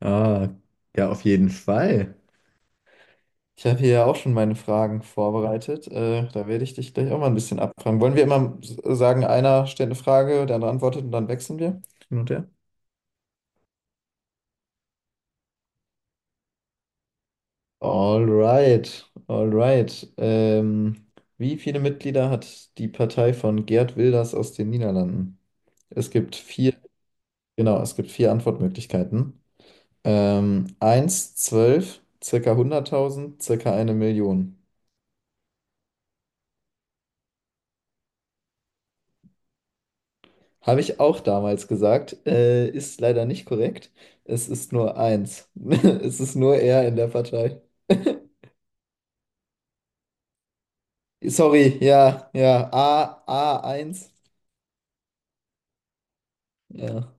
Ah, ja, auf jeden Fall. Ich habe hier ja auch schon meine Fragen vorbereitet. Da werde ich dich gleich auch mal ein bisschen abfragen. Wollen wir immer sagen, einer stellt eine Frage, der andere antwortet und dann wechseln wir? Hin und her. Alright, alright. Wie viele Mitglieder hat die Partei von Geert Wilders aus den Niederlanden? Es gibt vier, genau, es gibt vier Antwortmöglichkeiten. 1, 12, circa 100.000, circa eine Million. Habe ich auch damals gesagt, ist leider nicht korrekt. Es ist nur eins. Es ist nur er in der Partei. Sorry, ja, ja, A, A1. Ja.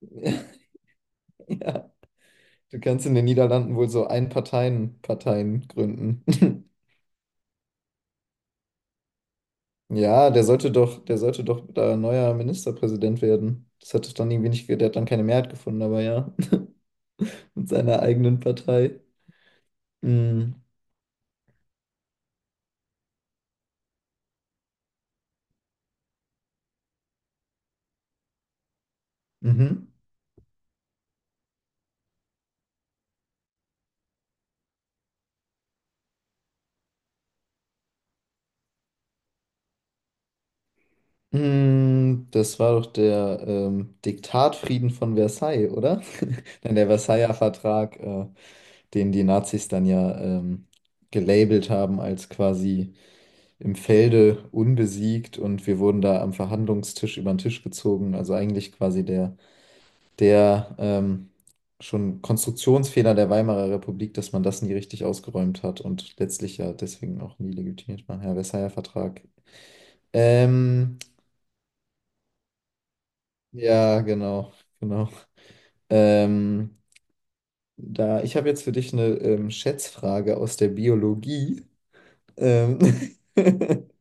Ja. Du kannst in den Niederlanden wohl so Ein-Parteien-Parteien gründen. Ja, der sollte doch da neuer Ministerpräsident werden. Das hat doch dann irgendwie nicht, der hat dann keine Mehrheit gefunden, aber ja, mit seiner eigenen Partei. Mm. Mhm. Das war doch der Diktatfrieden von Versailles, oder? Nein, der Versailler Vertrag, den die Nazis dann ja gelabelt haben als quasi im Felde unbesiegt und wir wurden da am Verhandlungstisch über den Tisch gezogen. Also eigentlich quasi der, der schon Konstruktionsfehler der Weimarer Republik, dass man das nie richtig ausgeräumt hat und letztlich ja deswegen auch nie legitimiert war. Ja, Versailler Vertrag. Ähm, ja, genau, genau. Ähm, Da, ich habe jetzt für dich eine Schätzfrage aus der Biologie. Ähm,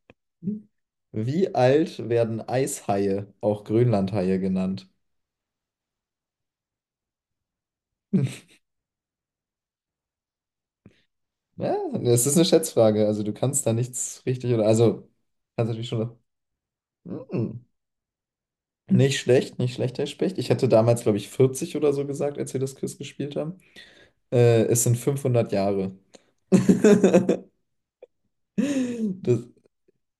Wie alt werden Eishaie, auch Grönlandhaie genannt? Ja, das ist eine Schätzfrage. Also du kannst da nichts richtig oder also kannst natürlich schon noch. Mm, Nicht schlecht, nicht schlecht, Herr Specht. Ich hatte damals, glaube ich, 40 oder so gesagt, als wir das Quiz gespielt haben. Es sind 500 Jahre. Das,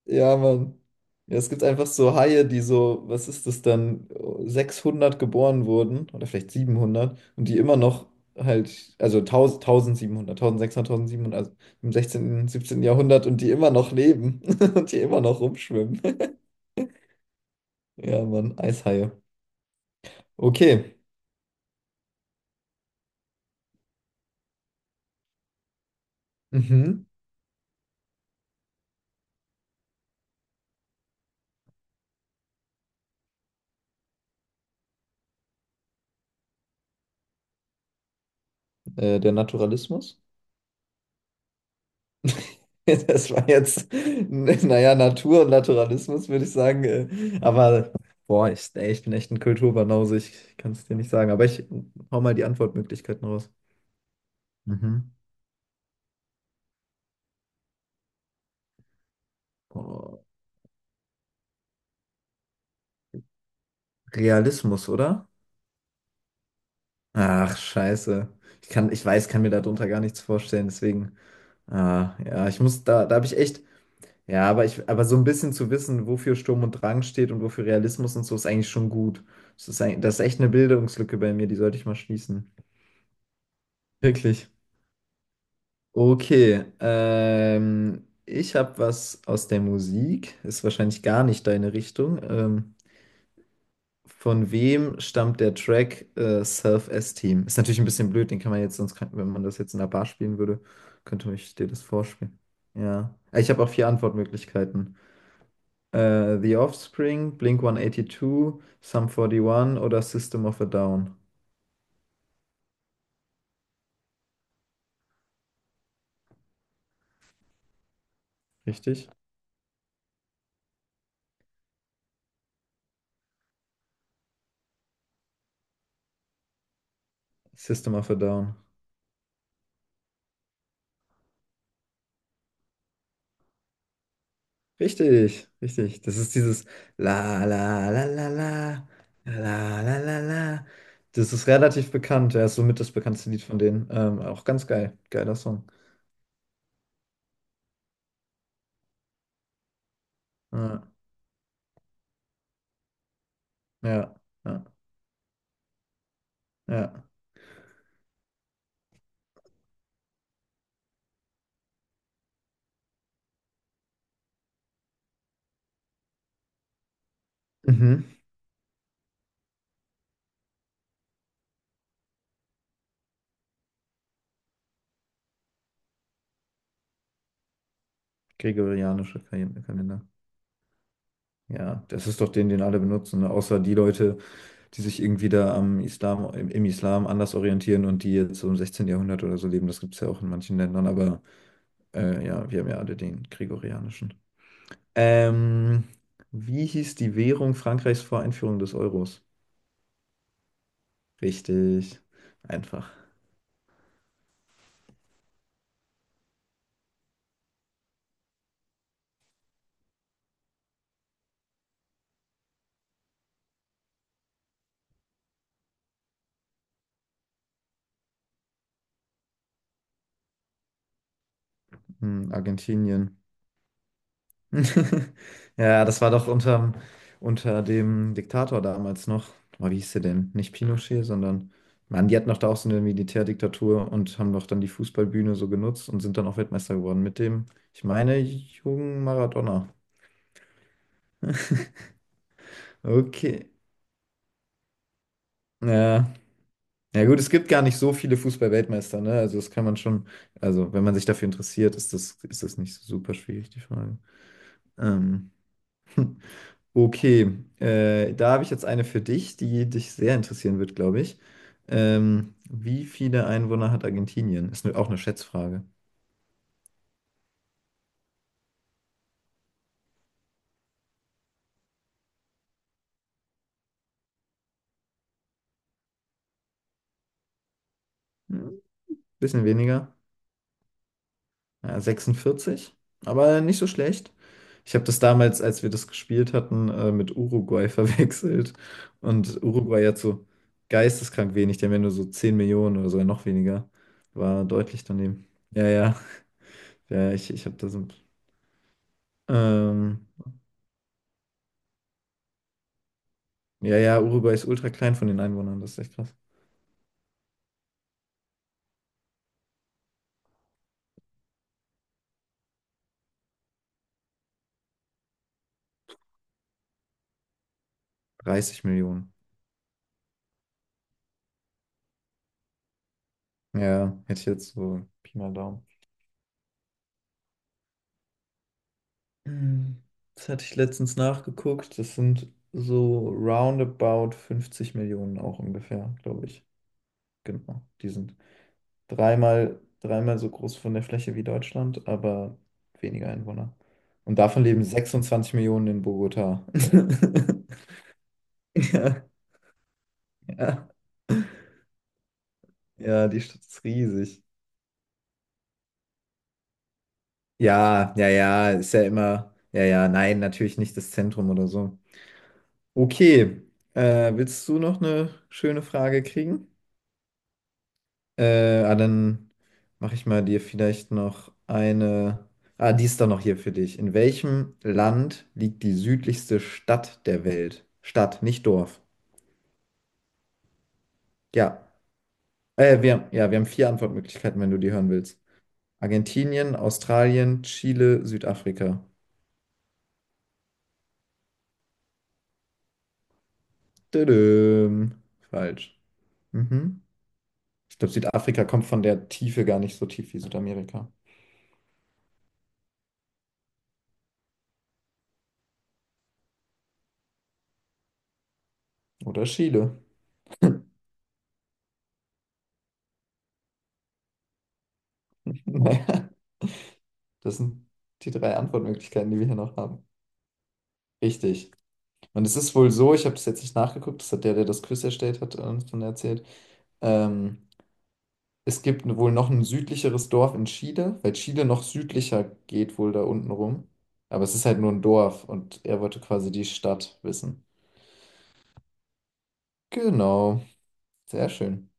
Ja, Mann. Ja, es gibt einfach so Haie, die so, was ist das dann, 600 geboren wurden oder vielleicht 700 und die immer noch halt, also 1000, 1700, 1600, 1700, also im 16., 17. Jahrhundert und die immer noch leben und die immer noch rumschwimmen. Ja, Mann, Eishaie. Okay. Mhm. Der Naturalismus. Das war jetzt, naja, Natur und Naturalismus, würde ich sagen. Aber, boah, ich, ey, ich bin echt ein Kulturbanause, ich kann es dir nicht sagen. Aber ich hau mal die Antwortmöglichkeiten raus. Mhm. Boah, Realismus, oder? Ach, scheiße. Ich kann, ich weiß, kann mir darunter gar nichts vorstellen, deswegen. Ah, ja, ich muss, da habe ich echt. Ja, aber so ein bisschen zu wissen, wofür Sturm und Drang steht und wofür Realismus und so, ist eigentlich schon gut. Das ist echt eine Bildungslücke bei mir, die sollte ich mal schließen. Wirklich. Okay, ich habe was aus der Musik, ist wahrscheinlich gar nicht deine Richtung. Von wem stammt der Track Self-Esteem? Ist natürlich ein bisschen blöd, den kann man jetzt sonst, wenn man das jetzt in einer Bar spielen würde, könnte ich dir das vorspielen. Ja, ich habe auch vier Antwortmöglichkeiten. The Offspring, Blink-182, Sum 41 oder System of a Down. Richtig? System of a Down. Richtig, richtig. Das ist dieses La la la la la la la la la. Das ist relativ bekannt. Ja, ist somit das bekannteste Lied von denen. Auch ganz geil. Geiler Song. Ja, ja, ja. Ja. Mhm. Gregorianischer Kalender. Ja, das ist doch den, den alle benutzen, ne? Außer die Leute, die sich irgendwie da am Islam, im Islam anders orientieren und die jetzt so im 16. Jahrhundert oder so leben. Das gibt es ja auch in manchen Ländern, aber ja, wir haben ja alle den Gregorianischen. Ähm, Wie hieß die Währung Frankreichs vor Einführung des Euros? Richtig. Einfach. Argentinien. Ja, das war doch unter dem Diktator damals noch. Boah, wie hieß der denn? Nicht Pinochet, sondern. Mann, die hatten doch da auch so eine Militärdiktatur und haben doch dann die Fußballbühne so genutzt und sind dann auch Weltmeister geworden mit dem, ich meine, jungen Maradona. Okay. Ja. Ja gut, es gibt gar nicht so viele Fußball-Weltmeister, ne? Also das kann man schon, also wenn man sich dafür interessiert, ist das nicht so super schwierig, die Frage. Ähm, okay, da habe ich jetzt eine für dich, die dich sehr interessieren wird, glaube ich. Wie viele Einwohner hat Argentinien? Ist auch eine Schätzfrage. Hm, Bisschen weniger. Ja, 46, aber nicht so schlecht. Ich habe das damals, als wir das gespielt hatten, mit Uruguay verwechselt. Und Uruguay hat so geisteskrank wenig, die haben ja nur so 10 Millionen oder sogar noch weniger. War deutlich daneben. Ja, ja, ja, ich habe das. Ähm, ja, ja, Uruguay ist ultra klein von den Einwohnern, das ist echt krass. 30 Millionen. Ja, hätte ich jetzt so Pi mal Daumen. Hm, Das hatte ich letztens nachgeguckt. Das sind so roundabout 50 Millionen auch ungefähr, glaube ich. Genau. Die sind dreimal, dreimal so groß von der Fläche wie Deutschland, aber weniger Einwohner. Und davon leben 26 Millionen in Bogotá. Ja, ja. Ja, die Stadt ist riesig. Ja, ja, ja, ist ja immer. Ja, ja, nein, natürlich nicht das Zentrum oder so. Okay. Willst du noch eine schöne Frage kriegen? Dann mache ich mal dir vielleicht noch eine. Ah, die ist doch noch hier für dich. In welchem Land liegt die südlichste Stadt der Welt? Stadt, nicht Dorf. Ja. Wir, ja, wir haben vier Antwortmöglichkeiten, wenn du die hören willst. Argentinien, Australien, Chile, Südafrika. Tadam. Falsch. Mhm. Ich glaube, Südafrika kommt von der Tiefe gar nicht so tief wie Südamerika. Oder Chile. Naja, das sind die drei Antwortmöglichkeiten, die wir hier noch haben. Richtig. Und es ist wohl so, ich habe das jetzt nicht nachgeguckt, das hat der, der das Quiz erstellt hat, uns dann erzählt. Ähm, Es gibt wohl noch ein südlicheres Dorf in Chile, weil Chile noch südlicher geht wohl da unten rum. Aber es ist halt nur ein Dorf und er wollte quasi die Stadt wissen. Genau, sehr schön.